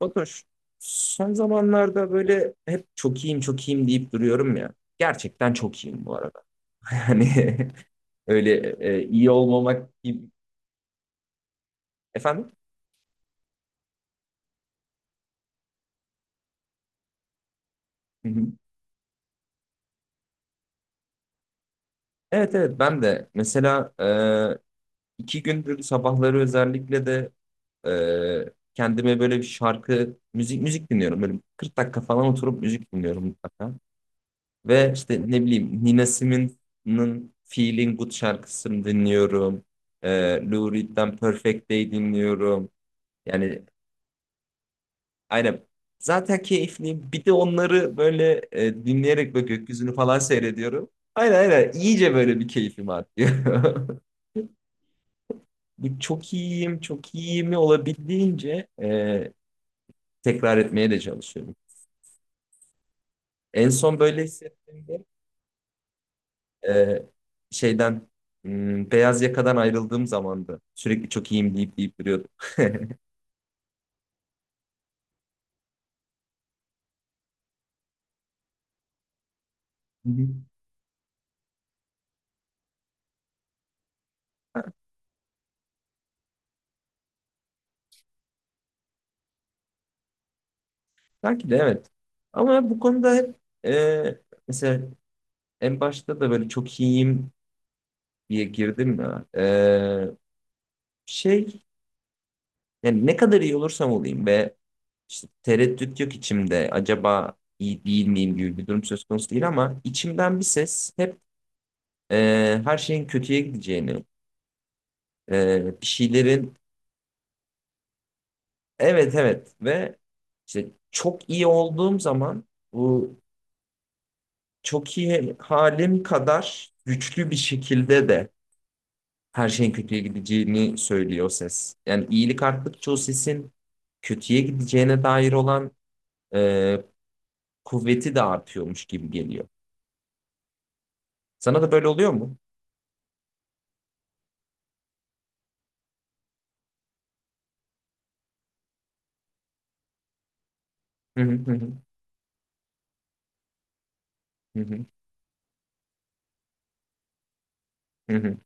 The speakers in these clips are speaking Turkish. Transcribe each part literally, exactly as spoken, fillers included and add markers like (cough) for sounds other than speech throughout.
Fatoş, son zamanlarda böyle hep çok iyiyim çok iyiyim deyip duruyorum ya. Gerçekten çok iyiyim bu arada. (laughs) Hani öyle e, iyi olmamak gibi. Efendim? Hı hı. Evet, evet, ben de mesela e, iki gündür sabahları özellikle de e, kendime böyle bir şarkı, müzik müzik dinliyorum. Böyle kırk dakika falan oturup müzik dinliyorum mutlaka. Ve işte ne bileyim Nina Simone'ın Feeling Good şarkısını dinliyorum. Ee, Lou Reed'den Perfect Day dinliyorum. Yani aynen zaten keyifliyim. Bir de onları böyle e, dinleyerek ve gökyüzünü falan seyrediyorum. Aynen, aynen. İyice böyle bir keyfim artıyor. (laughs) Bu çok iyiyim, çok iyiyimi olabildiğince e, tekrar etmeye de çalışıyorum. En son böyle hissettiğimde e, şeyden m, beyaz yakadan ayrıldığım zamandı. Sürekli çok iyiyim deyip deyip duruyordum. Hı hı. (laughs) Belki de evet. Ama bu konuda hep e, mesela en başta da böyle çok iyiyim diye girdim ya. E, şey yani ne kadar iyi olursam olayım ve işte tereddüt yok içimde. Acaba iyi değil miyim gibi bir durum söz konusu değil ama içimden bir ses hep e, her şeyin kötüye gideceğini, e, bir şeylerin. Evet, evet. Ve işte çok iyi olduğum zaman bu çok iyi halim kadar güçlü bir şekilde de her şeyin kötüye gideceğini söylüyor o ses. Yani iyilik arttıkça o sesin kötüye gideceğine dair olan e, kuvveti de artıyormuş gibi geliyor. Sana da böyle oluyor mu? Hı hı, hı hı, hı hı, hı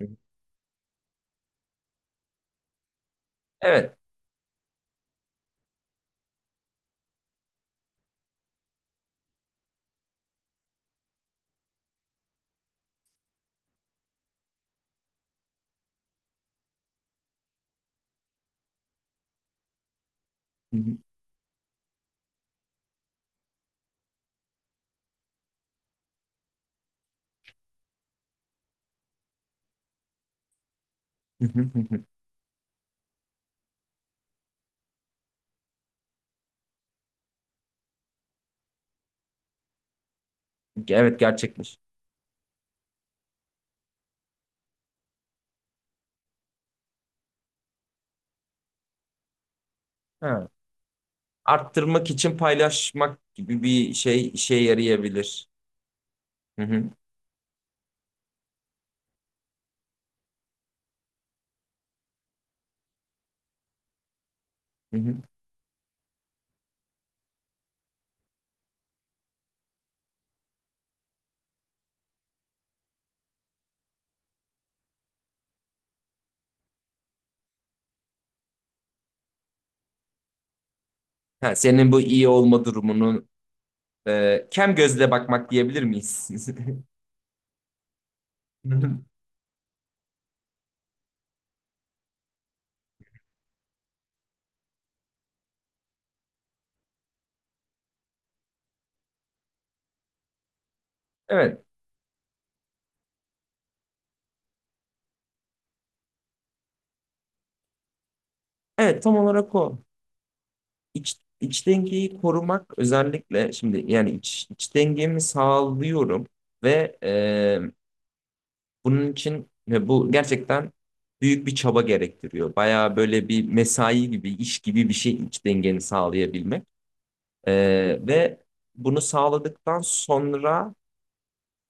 hı. Evet. Hı hı, hı hı, hı hı. Evet, gerçekmiş. Ha. Arttırmak için paylaşmak gibi bir şey işe yarayabilir. Hı hı. Hı hı. Ha, senin bu iyi olma durumunu e, kem gözle bakmak diyebilir miyiz? (laughs) Hı hı. Evet. Evet, tam olarak o. İç, iç dengeyi korumak özellikle şimdi yani iç, iç dengemi sağlıyorum ve e, bunun için ve bu gerçekten büyük bir çaba gerektiriyor. Bayağı böyle bir mesai gibi, iş gibi bir şey iç dengeni sağlayabilmek. E, ve bunu sağladıktan sonra,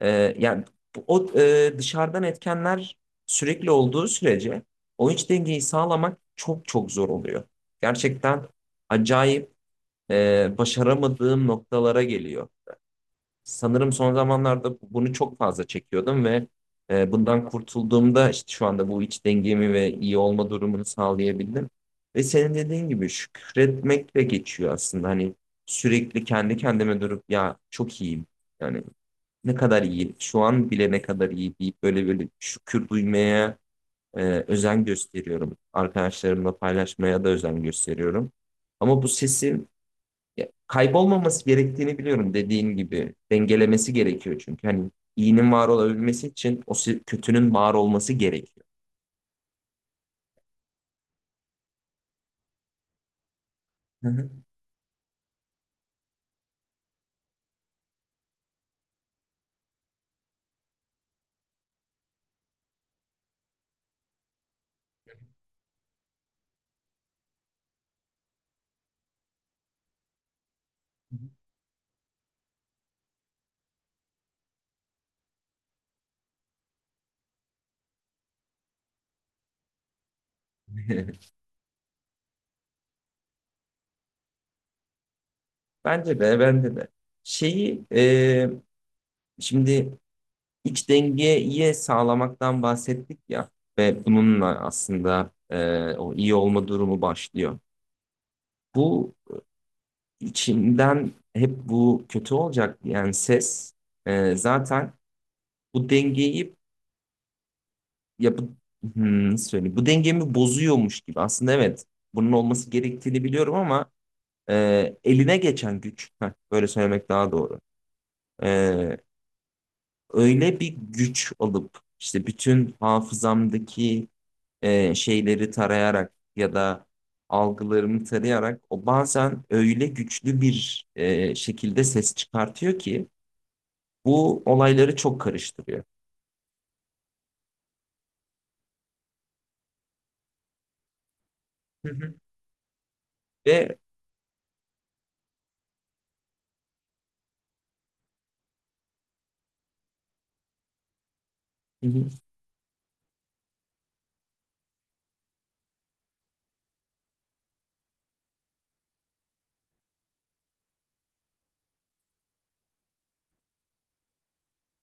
Ee, yani bu- o e, dışarıdan etkenler sürekli olduğu sürece o iç dengeyi sağlamak çok çok zor oluyor. Gerçekten acayip e, başaramadığım noktalara geliyor. Sanırım son zamanlarda bunu çok fazla çekiyordum ve e, bundan kurtulduğumda işte şu anda bu iç dengemi ve iyi olma durumunu sağlayabildim. Ve senin dediğin gibi şükretmekle geçiyor aslında. Hani sürekli kendi kendime durup ya çok iyiyim. Yani ne kadar iyi, şu an bile ne kadar iyi deyip böyle böyle şükür duymaya e, özen gösteriyorum. Arkadaşlarımla paylaşmaya da özen gösteriyorum. Ama bu sesin ya, kaybolmaması gerektiğini biliyorum dediğin gibi. Dengelemesi gerekiyor çünkü. Hani iyinin var olabilmesi için o se- kötünün var olması gerekiyor. Hı hı. (laughs) Bence de, bence de. Şeyi e, şimdi İç dengeyi sağlamaktan bahsettik ya ve bununla aslında e, o iyi olma durumu başlıyor. Bu içimden hep bu kötü olacak yani ses e, zaten bu dengeyi ya bu hmm, nasıl söyleyeyim bu dengemi bozuyormuş gibi aslında evet bunun olması gerektiğini biliyorum ama e, eline geçen güç heh, böyle söylemek daha doğru. E, Öyle bir güç alıp işte bütün hafızamdaki e, şeyleri tarayarak ya da algılarımı tarayarak o bazen öyle güçlü bir e, şekilde ses çıkartıyor ki bu olayları çok karıştırıyor. Hı hı. Ve Hı hı,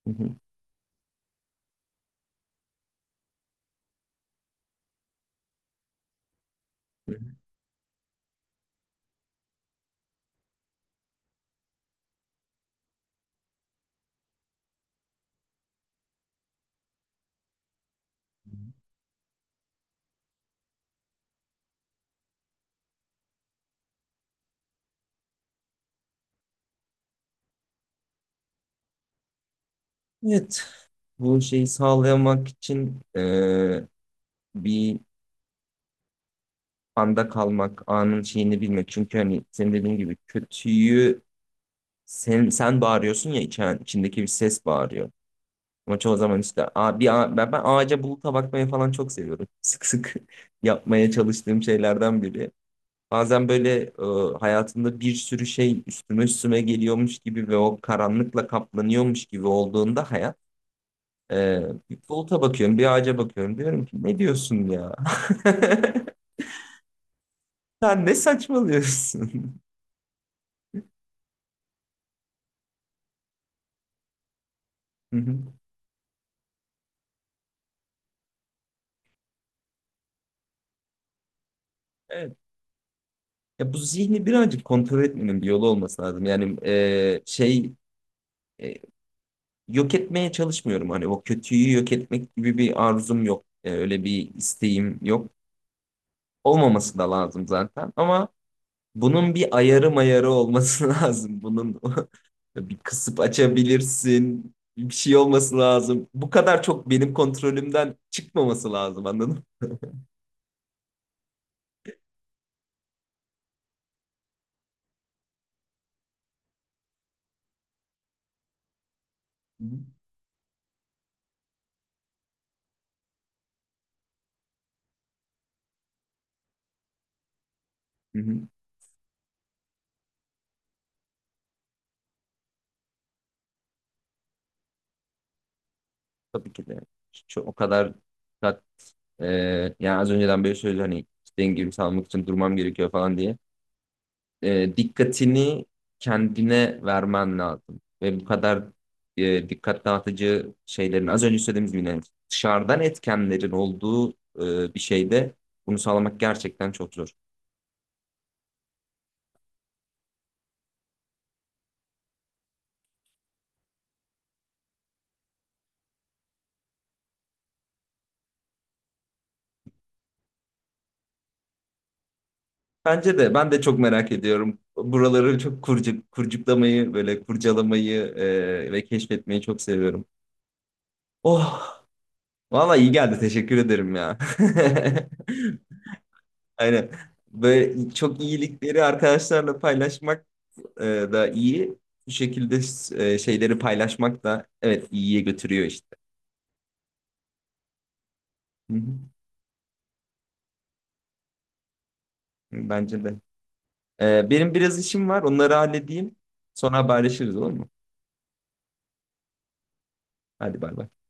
hı hı, hı hı. Evet, bu şeyi sağlayamak için e, bir anda kalmak, anın şeyini bilmek. Çünkü hani senin dediğin gibi kötüyü sen, sen bağırıyorsun ya içen, içindeki bir ses bağırıyor. Ama çoğu zaman işte a- bir a- ben, ben ağaca buluta bakmaya falan çok seviyorum. Sık sık (laughs) yapmaya çalıştığım şeylerden biri. Bazen böyle e, hayatımda bir sürü şey üstüme üstüme geliyormuş gibi ve o karanlıkla kaplanıyormuş gibi olduğunda hayat e, bir buluta bakıyorum, bir ağaca bakıyorum. Diyorum ki ne diyorsun ya? (laughs) Sen ne saçmalıyorsun? (laughs) Hı hı. Evet. Ya bu zihni birazcık kontrol etmenin bir yolu olması lazım. Yani e, şey e, yok etmeye çalışmıyorum. Hani o kötüyü yok etmek gibi bir arzum yok. Ee, Öyle bir isteğim yok. Olmaması da lazım zaten. Ama bunun bir ayarı mayarı olması (laughs) lazım. Bunun (laughs) bir kısıp açabilirsin. Bir şey olması lazım. Bu kadar çok benim kontrolümden çıkmaması lazım, anladın mı? Hı hı. Tabii ki de. Çok, o kadar dikkat-, ee, yani az önceden böyle söyledi hani dengemi sağlamak için durmam gerekiyor falan diye. E, dikkatini kendine vermen lazım. Ve bu kadar e, dikkat dağıtıcı şeylerin az önce söylediğimiz gibi yani dışarıdan etkenlerin olduğu e, bir şeyde bunu sağlamak gerçekten çok zor. Bence de, ben de çok merak ediyorum. Buraları çok kurcuk, kurcuklamayı böyle kurcalamayı e, ve keşfetmeyi çok seviyorum. Oh, valla iyi geldi. Teşekkür ederim ya. (laughs) Aynen. Böyle çok iyilikleri arkadaşlarla paylaşmak e, da iyi. Bu şekilde e, şeyleri paylaşmak da evet iyiye götürüyor işte. Hı hı. Bence de. E, benim biraz işim var. Onları halledeyim. Sonra haberleşiriz, olur mu? Hadi bay bay.